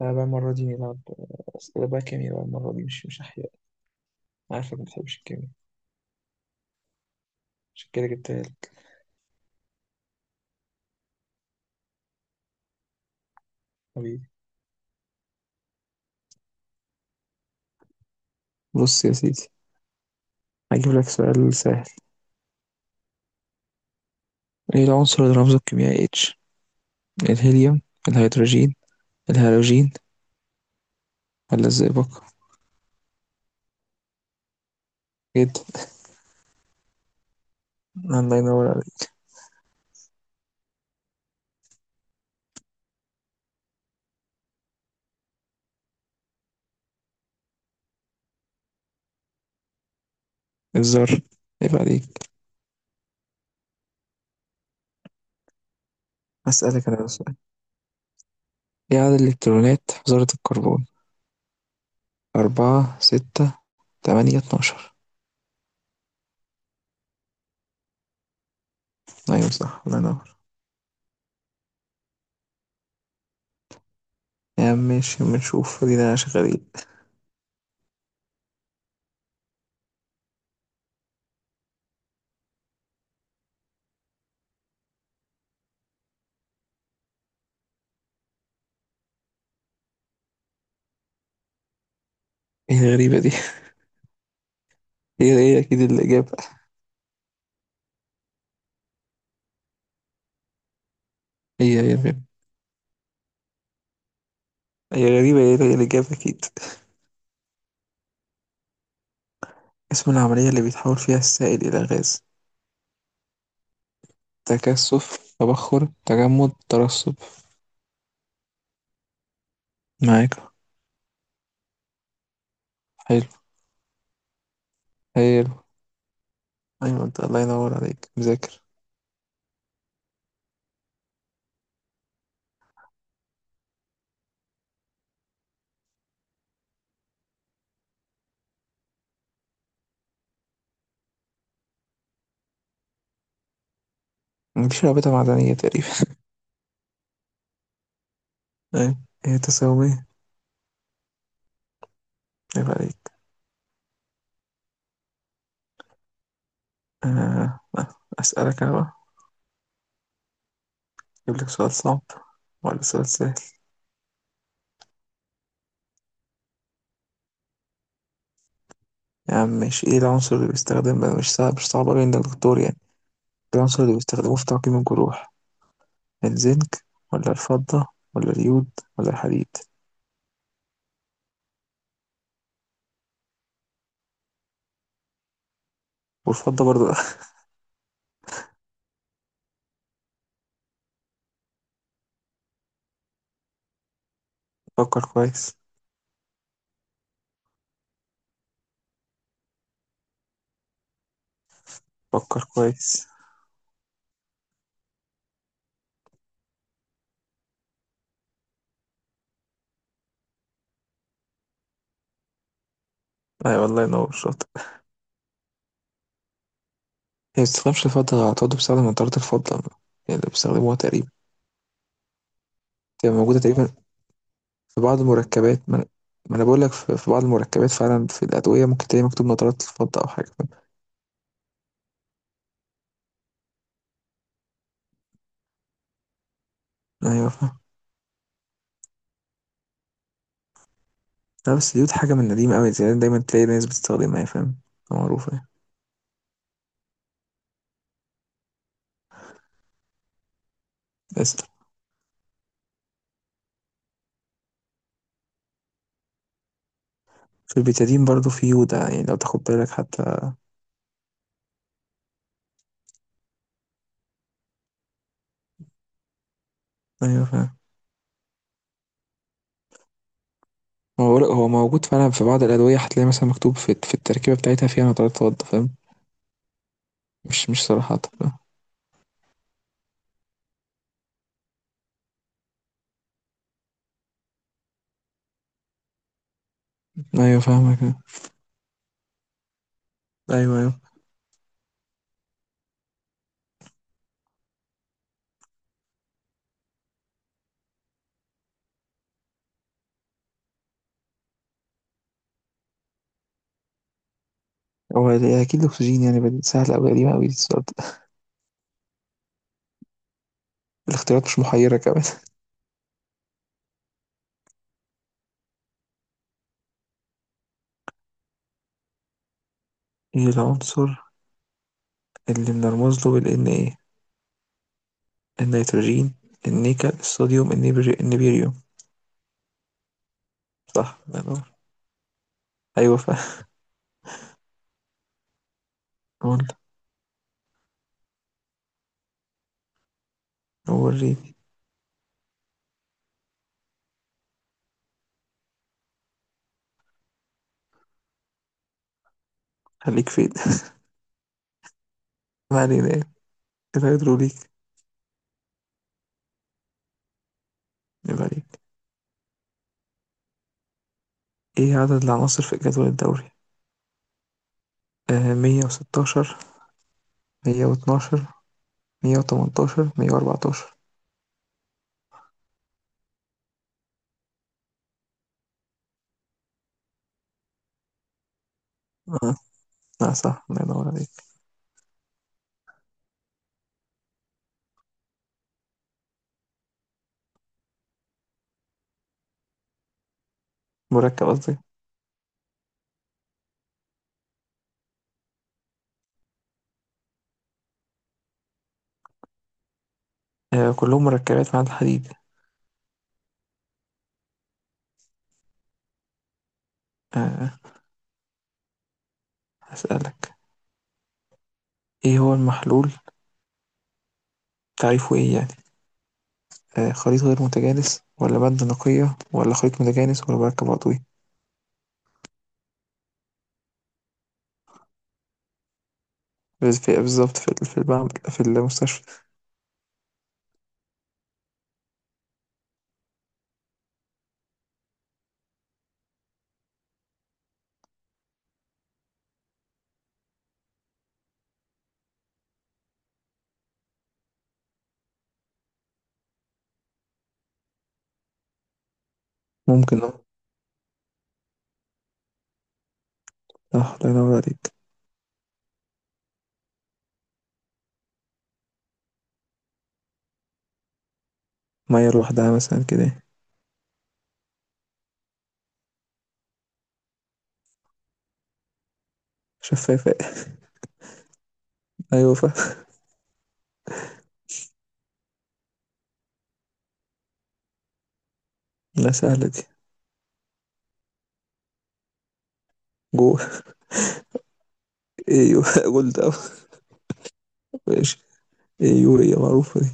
لا بقى المرة دي نلعب أسئلة بقى كيمياء بقى المرة دي مش أحياء. أنا عارفك ما بتحبش الكيمياء، عشان كده جبتها لك حبيبي. بص يا سيدي، هجيب لك سؤال سهل: ايه العنصر اللي رمزه الكيميائي اتش؟ الهيليوم، الهيدروجين، الهالوجين، ولا الزئبق؟ جدا. الله ينور عليك. الذر. عيب عليك. هسألك انا بقى سؤال: ايه عدد الالكترونات في ذرة الكربون؟ أربعة، ستة، تمانية، اتناشر؟ أيوة صح، الله ينور. يا عم ماشي، بنشوف ادينا شغالين. ايه الغريبة دي؟ هي هي أكيد الإجابة. هي هي الغيب، هي غريبة، هي هي الإجابة أكيد. اسم العملية اللي بيتحول فيها السائل إلى غاز: تكثف، تبخر، تجمد، ترسب؟ معاك. حلو. حلو. أيوة أنت الله ينور عليك مذاكر. مفيش رابطة معدنية تقريبا. أيوة هي تساومية. عيب عليك. آه. أسألك أنا بقى: أجيب لك سؤال صعب ولا سؤال سهل؟ يا عم ماشي، إيه العنصر اللي بيستخدم بقى؟ مش صعب، مش صعب أوي عند الدكتور يعني. العنصر اللي بيستخدموه في تعقيم الجروح: الزنك، ولا الفضة، ولا اليود، ولا الحديد؟ والفضة برضو. فكر كويس. فكر كويس. أي والله ينور شاطر. هي ما بتستخدمش الفضة على طول، بتستخدم منطرة الفضة يعني اللي بيستخدموها تقريبا. هي موجودة تقريبا في بعض المركبات. ما أنا بقول لك في بعض المركبات فعلا، في الأدوية ممكن تلاقي مكتوب نطرات الفضة أو حاجة، فاهم؟ أيوة فاهم. لا بس دي حاجة من قديم أوي، زي دايما تلاقي ناس بتستخدمها، فاهم؟ معروفة يعني. بس في البيتادين برضو في يودا، يعني لو تاخد بالك حتى. أيوة فاهم. ما هو هو موجود فعلا في بعض الأدوية، هتلاقي مثلا مكتوب في التركيبة بتاعتها فيها نطرات فضة، فاهم؟ مش صراحة. أيوة فاهمك. أيوة أيوة. هو ده أكيد الأكسجين، يعني بديل سهل أوي، قديمة أوي السؤال ده. الاختيارات مش محيرة كمان. إيه العنصر اللي بنرمز له بالإن إيه؟ النيتروجين، النيكل، الصوديوم، النيبري، النيبيريوم؟ صح الله ينور. أيوة فاهم. قول. وريني. خليك فين؟ ما علينا يعني. الهيدروليك. يبقى عليك: إيه عدد العناصر في جدول الدوري؟ آه مية وستاشر، مية واتناشر، مية وتمنتاشر، مية وأربعتاشر؟ آه. آه، صح الله ينور عليك. مركب قصدي. آه كلهم مركبات مع الحديد. آه. هسألك: إيه هو المحلول، تعريفه إيه يعني؟ آه، خليط غير متجانس، ولا مادة نقية، ولا خليط متجانس، ولا مركب عضوي؟ بس في بالظبط، في البعم في المستشفى. ممكن اه. صح الله ينور عليك. مية لوحدها مثلا كده. شفافة. أيوة فا. لا سهلة دي. جو. أيوة جولد أوي. ماشي. أيوة هي معروفة دي.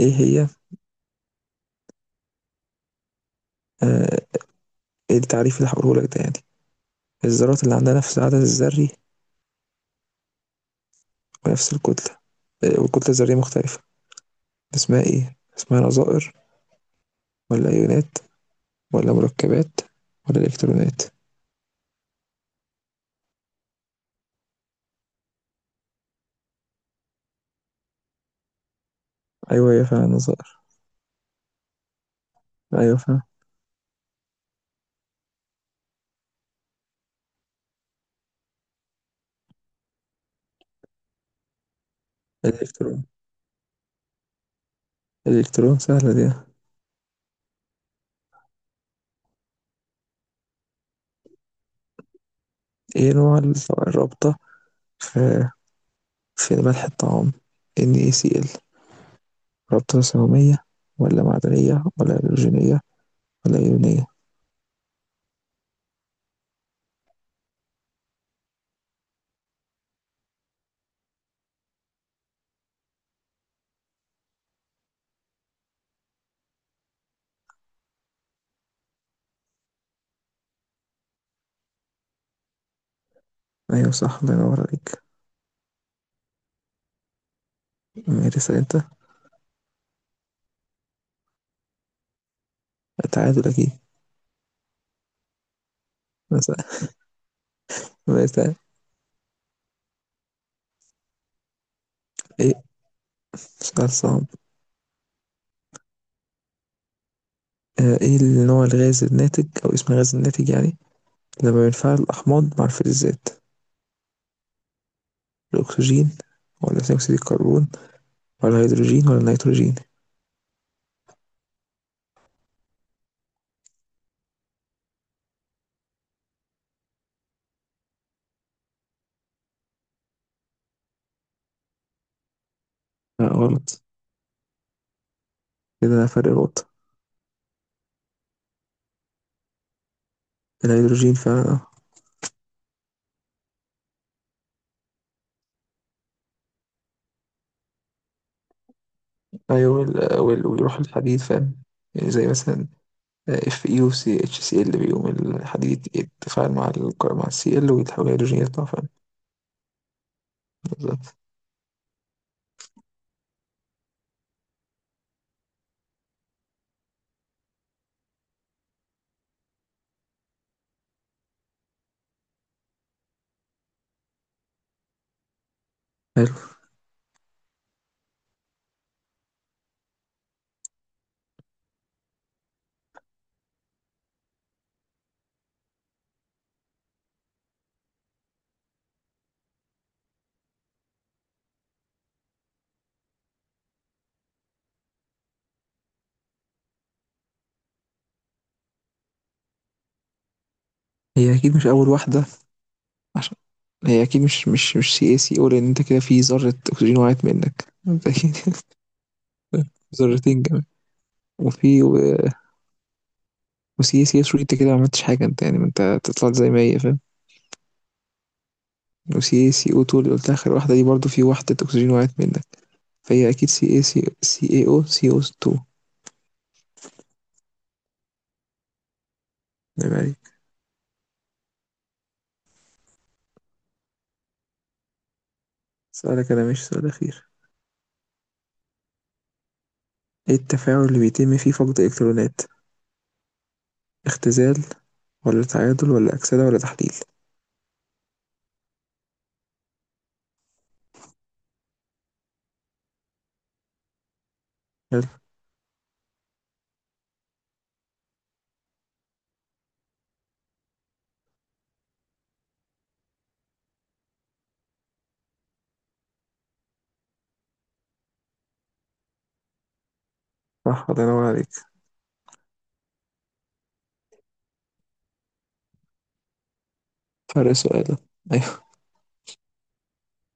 إيه هي؟ آه. إيه التعريف اللي هقوله لك ده يعني: الذرات اللي عندها نفس العدد الذري بنفس الكتلة، آه، والكتلة الذرية مختلفة، اسمها ايه؟ اسمها نظائر، ولا أيونات، ولا مركبات، ولا إلكترونات؟ أيوه هي فعلا نظائر. أيوه فعلا. الإلكترون. الإلكترون سهلة دي. ايه نوع الرابطة في في ملح الطعام؟ NaCl: رابطة ثانوية، ولا معدنية، ولا هيدروجينية، ولا إيونية؟ أيوه صح الله ينور عليك. ماشي اسأل أنت. تعادل أكيد. مثلا. مثلا. إيه؟ سؤال صعب. إيه النوع الغاز الناتج، أو اسم الغاز الناتج يعني، لما بينفعل الأحماض مع الفلزات: الأكسجين، والّا ثاني أكسيد الكربون، والّا الهيدروجين، والّا النيتروجين؟ لأ غلط. كده أنا فرق نقطة. الهيدروجين فعلًا، آه. أيوه، وال ويروح للحديد، فاهم؟ يعني زي مثلًا FeOCHCl، بيقوم الحديد يتفاعل مع الك، مع الCl، ويتحول هيدروجين يطلع فعلًا. بالضبط. حلو. هي أكيد مش أول واحدة، عشان هي أكيد مش CaCO، لأن أنت كده في ذرة أكسجين وقعت منك مبدئيًا. ذرتين كمان. وفي و- وسي سي اس انت كده ما عملتش حاجة انت، يعني ما انت طلعت زي ما هي، فاهم؟ وسي سي او 2 اللي قلت اخر واحدة دي برضو في وحدة اكسجين وقعت منك. فهي اكيد سي اي سي، سي اي او، سي إيه او 2. نعم عليك. سؤالك انا مش سؤال اخير. ايه التفاعل اللي بيتم فيه فقد الكترونات: اختزال، ولا تعادل، ولا اكسدة، ولا تحليل؟ حلو. صح الله ينور عليك. فرق سؤالك.